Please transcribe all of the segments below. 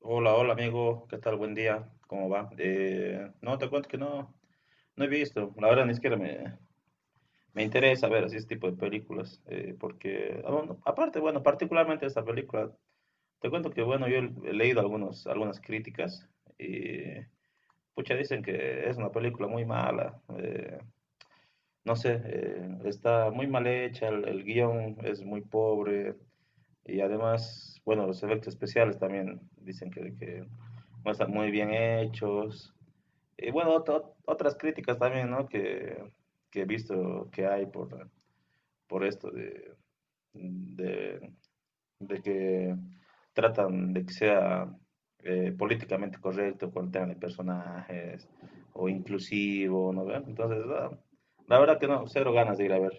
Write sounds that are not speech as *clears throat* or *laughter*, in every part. Hola, hola amigo, ¿qué tal? Buen día, ¿cómo va? No, te cuento que no he visto, la verdad ni siquiera me interesa ver así este tipo de películas, porque, ah, bueno, aparte, bueno, particularmente esta película, te cuento que, bueno, yo he leído algunas críticas y, pucha, dicen que es una película muy mala, no sé, está muy mal hecha, el guión es muy pobre, y además, bueno, los efectos especiales también dicen que no están muy bien hechos. Y bueno, otras críticas también, ¿no? Que he visto que hay por esto de, de que tratan de que sea políticamente correcto con el tema de personajes o inclusivo, ¿no ve? Entonces, ah, la verdad que no, cero ganas de ir a ver.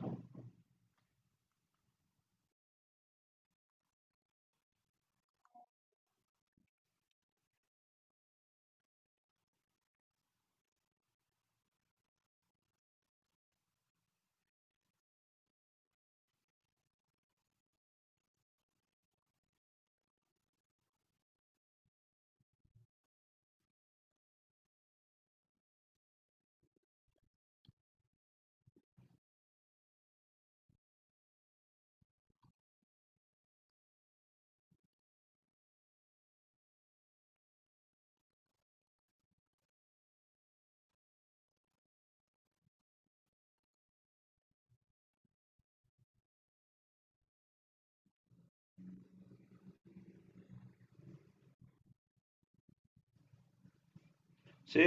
Sí,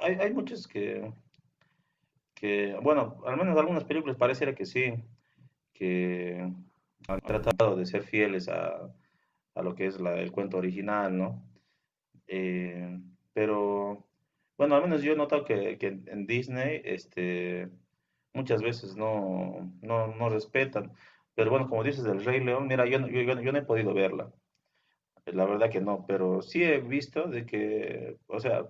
hay muchas que, bueno, al menos algunas películas pareciera que sí, que han tratado de ser fieles a lo que es el cuento original, ¿no? Eh, pero, bueno, al menos yo he notado que en Disney, este, muchas veces no respetan. Pero bueno, como dices del Rey León, mira, yo no he podido verla, la verdad que no, pero sí he visto de que, o sea,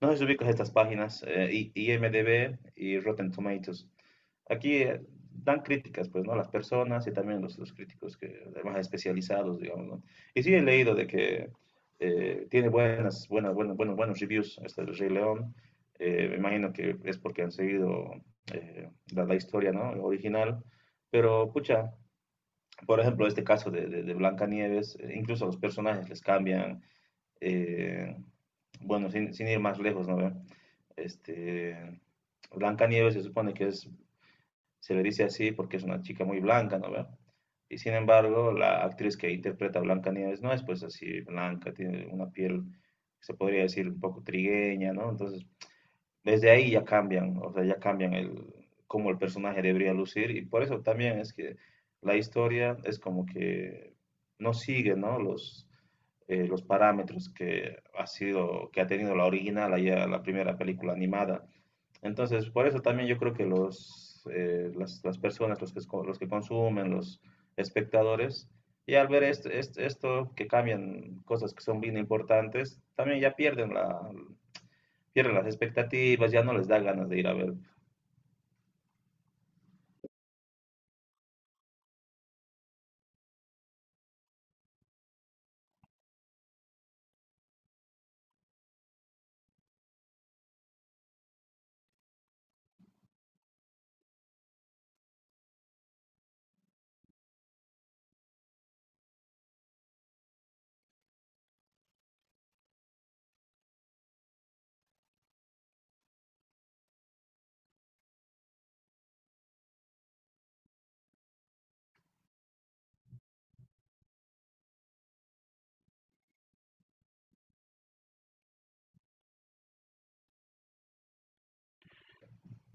no sé si ubicas estas páginas, IMDb y Rotten Tomatoes. Aquí dan críticas, pues, ¿no? Las personas y también los críticos que, más especializados, digamos, ¿no? Y sí he leído de que tiene buenos reviews este del Rey León. Me imagino que es porque han seguido la, la historia, ¿no? Original. Pero, pucha, por ejemplo, este caso de Blancanieves, incluso a los personajes les cambian, eh, bueno, sin ir más lejos, ¿no ve? Este, Blancanieves se supone que es, se le dice así porque es una chica muy blanca, ¿no ve? Y sin embargo, la actriz que interpreta a Blancanieves no es pues así blanca, tiene una piel, se podría decir, un poco trigueña, ¿no? Entonces, desde ahí ya cambian, o sea, ya cambian el, cómo el personaje debería lucir y por eso también es que la historia es como que no sigue, ¿no? Los parámetros que ha sido, que ha tenido la original, allá la primera película animada. Entonces, por eso también yo creo que los, las personas, los que consumen, los espectadores, y al ver esto, que cambian cosas que son bien importantes, también ya pierden, la, pierden las expectativas, ya no les da ganas de ir a ver.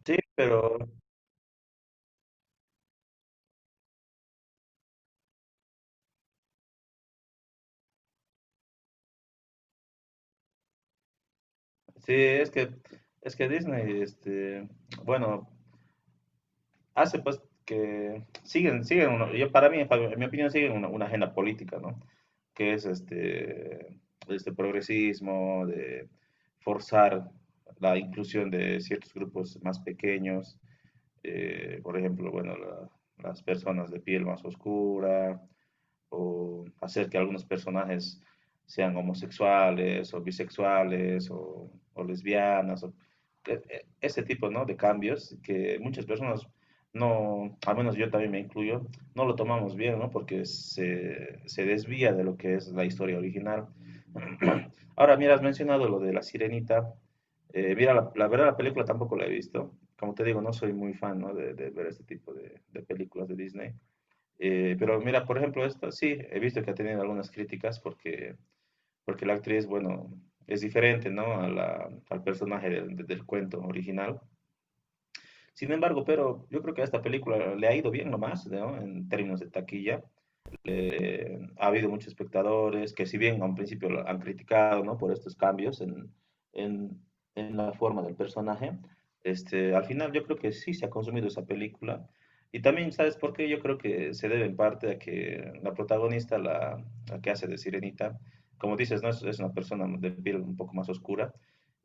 Sí, pero sí, es que Disney, este, bueno, hace pues que siguen, uno- yo para mí, para- en mi opinión, siguen una agenda política, ¿no? Que es este, este progresismo, de forzar la inclusión de ciertos grupos más pequeños, por ejemplo, bueno, la, las personas de piel más oscura, o hacer que algunos personajes sean homosexuales o bisexuales o lesbianas, o, ese tipo ¿no? de cambios que muchas personas no, al menos yo también me incluyo, no lo tomamos bien, ¿no? Porque se desvía de lo que es la historia original. *clears throat* Ahora, mira, has mencionado lo de la sirenita. Mira, verdad la película tampoco la he visto. Como te digo, no soy muy fan ¿no? Ver este tipo de películas de Disney. Pero mira, por ejemplo, esta sí, he visto que ha tenido algunas críticas porque la actriz, bueno, es diferente, ¿no? Al personaje del cuento original. Sin embargo, pero yo creo que a esta película le ha ido bien nomás, ¿no? En términos de taquilla ha habido muchos espectadores que si bien a un principio lo han criticado ¿no? por estos cambios en, la forma del personaje, este, al final yo creo que sí se ha consumido esa película. Y también, ¿sabes por qué? Yo creo que se debe en parte a que la protagonista, la que hace de Sirenita, como dices, ¿no? Es una persona de piel un poco más oscura.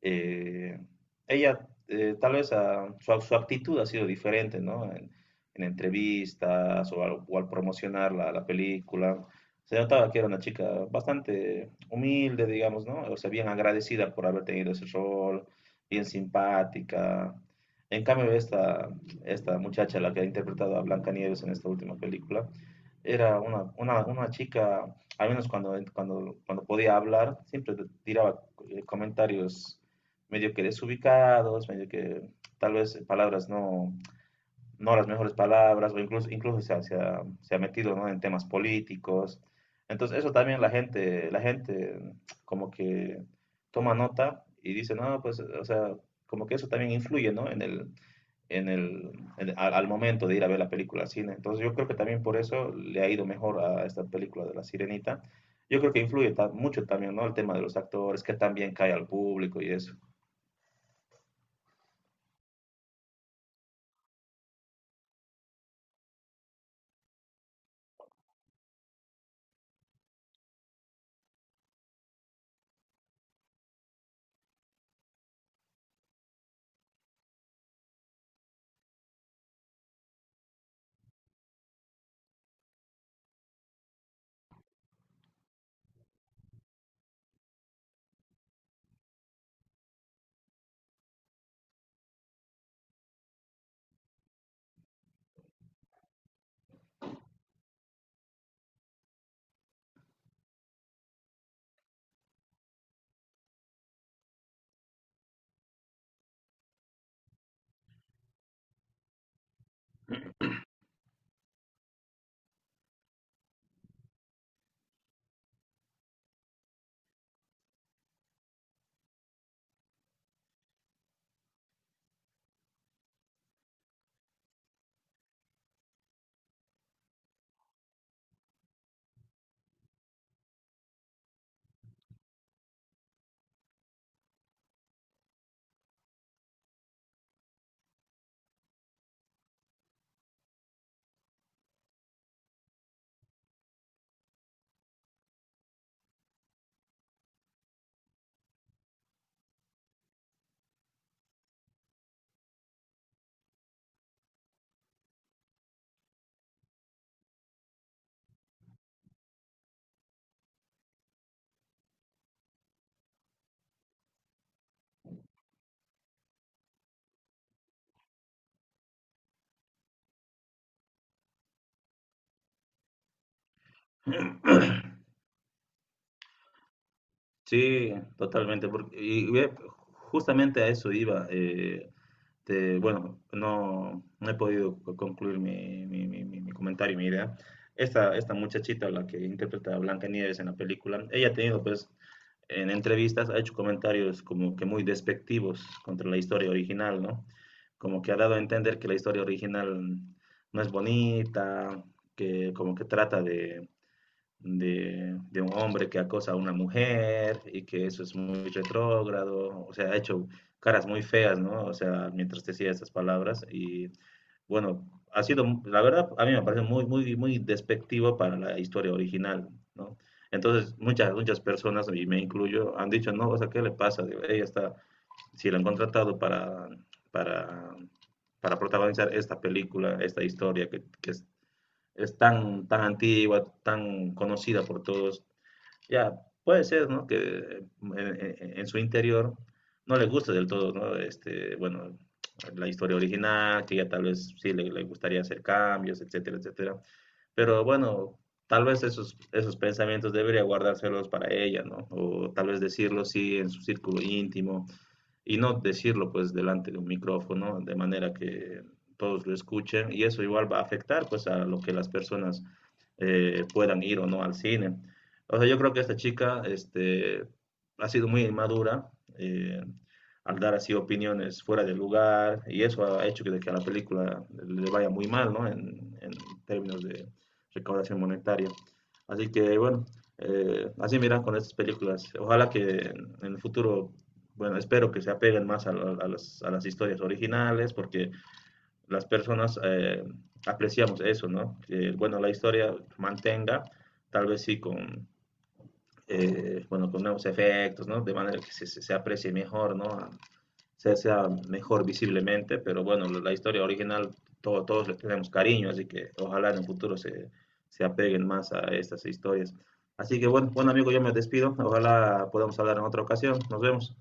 Eh, ella, tal vez a, su actitud ha sido diferente, ¿no? En entrevistas o al promocionar la, la película. Se notaba que era una chica bastante humilde, digamos, ¿no? O sea, bien agradecida por haber tenido ese rol, bien simpática. En cambio, esta muchacha, la que ha interpretado a Blancanieves en esta última película, era una chica, al menos cuando podía hablar, siempre tiraba comentarios medio que desubicados, medio que tal vez palabras no las mejores palabras, o incluso se ha metido, ¿no? En temas políticos. Entonces, eso también la gente como que toma nota y dice, no, pues, o sea, como que eso también influye, ¿no? en el, en el, en- al, al momento de ir a ver la película al cine. Entonces, yo creo que también por eso le ha ido mejor a esta película de La Sirenita. Yo creo que influye mucho también, ¿no? El tema de los actores, que también cae al público y eso. Sí, totalmente, porque justamente a eso iba. Eh, te- bueno, no, no he podido concluir mi comentario y mi idea. Esta muchachita, la que interpreta a Blancanieves en la película, ella ha tenido, pues, en entrevistas, ha hecho comentarios como que muy despectivos contra la historia original, ¿no? Como que ha dado a entender que la historia original no es bonita, que como que trata de un hombre que acosa a una mujer y que eso es muy retrógrado, o sea, ha hecho caras muy feas, ¿no? O sea, mientras decía esas palabras y bueno, ha sido, la verdad, a mí me parece muy despectivo para la historia original, ¿no? Entonces, muchas personas, y me incluyo, han dicho, no, o sea, ¿qué le pasa? Digo, ella está, si la han contratado para, para protagonizar esta película, esta historia que es tan, tan antigua, tan conocida por todos. Ya, puede ser, ¿no? Que en, en su interior no le guste del todo, ¿no? Este, bueno, la historia original, que ya tal vez sí le gustaría hacer cambios, etcétera, etcétera. Pero bueno, tal vez esos pensamientos debería guardárselos para ella, ¿no? O tal vez decirlo sí en su círculo íntimo, y no decirlo pues delante de un micrófono de manera que todos lo escuchen y eso igual va a afectar pues a lo que las personas puedan ir o no al cine. O sea, yo creo que esta chica este, ha sido muy inmadura eh, al dar así opiniones fuera del lugar y eso ha hecho que, de que a la película le vaya muy mal ¿no? En términos de recaudación monetaria. Así que bueno, así miran con estas películas. Ojalá que en el futuro bueno, espero que se apeguen más a, las, a las historias originales, porque las personas apreciamos eso, ¿no? Que, bueno, la historia mantenga, tal vez sí con, bueno, con nuevos efectos, ¿no? De manera que se aprecie mejor, ¿no? Se sea mejor visiblemente, pero bueno, la historia original todo, todos le tenemos cariño, así que ojalá en el futuro se apeguen más a estas historias. Así que bueno, bueno amigo, yo me despido. Ojalá podamos hablar en otra ocasión. Nos vemos.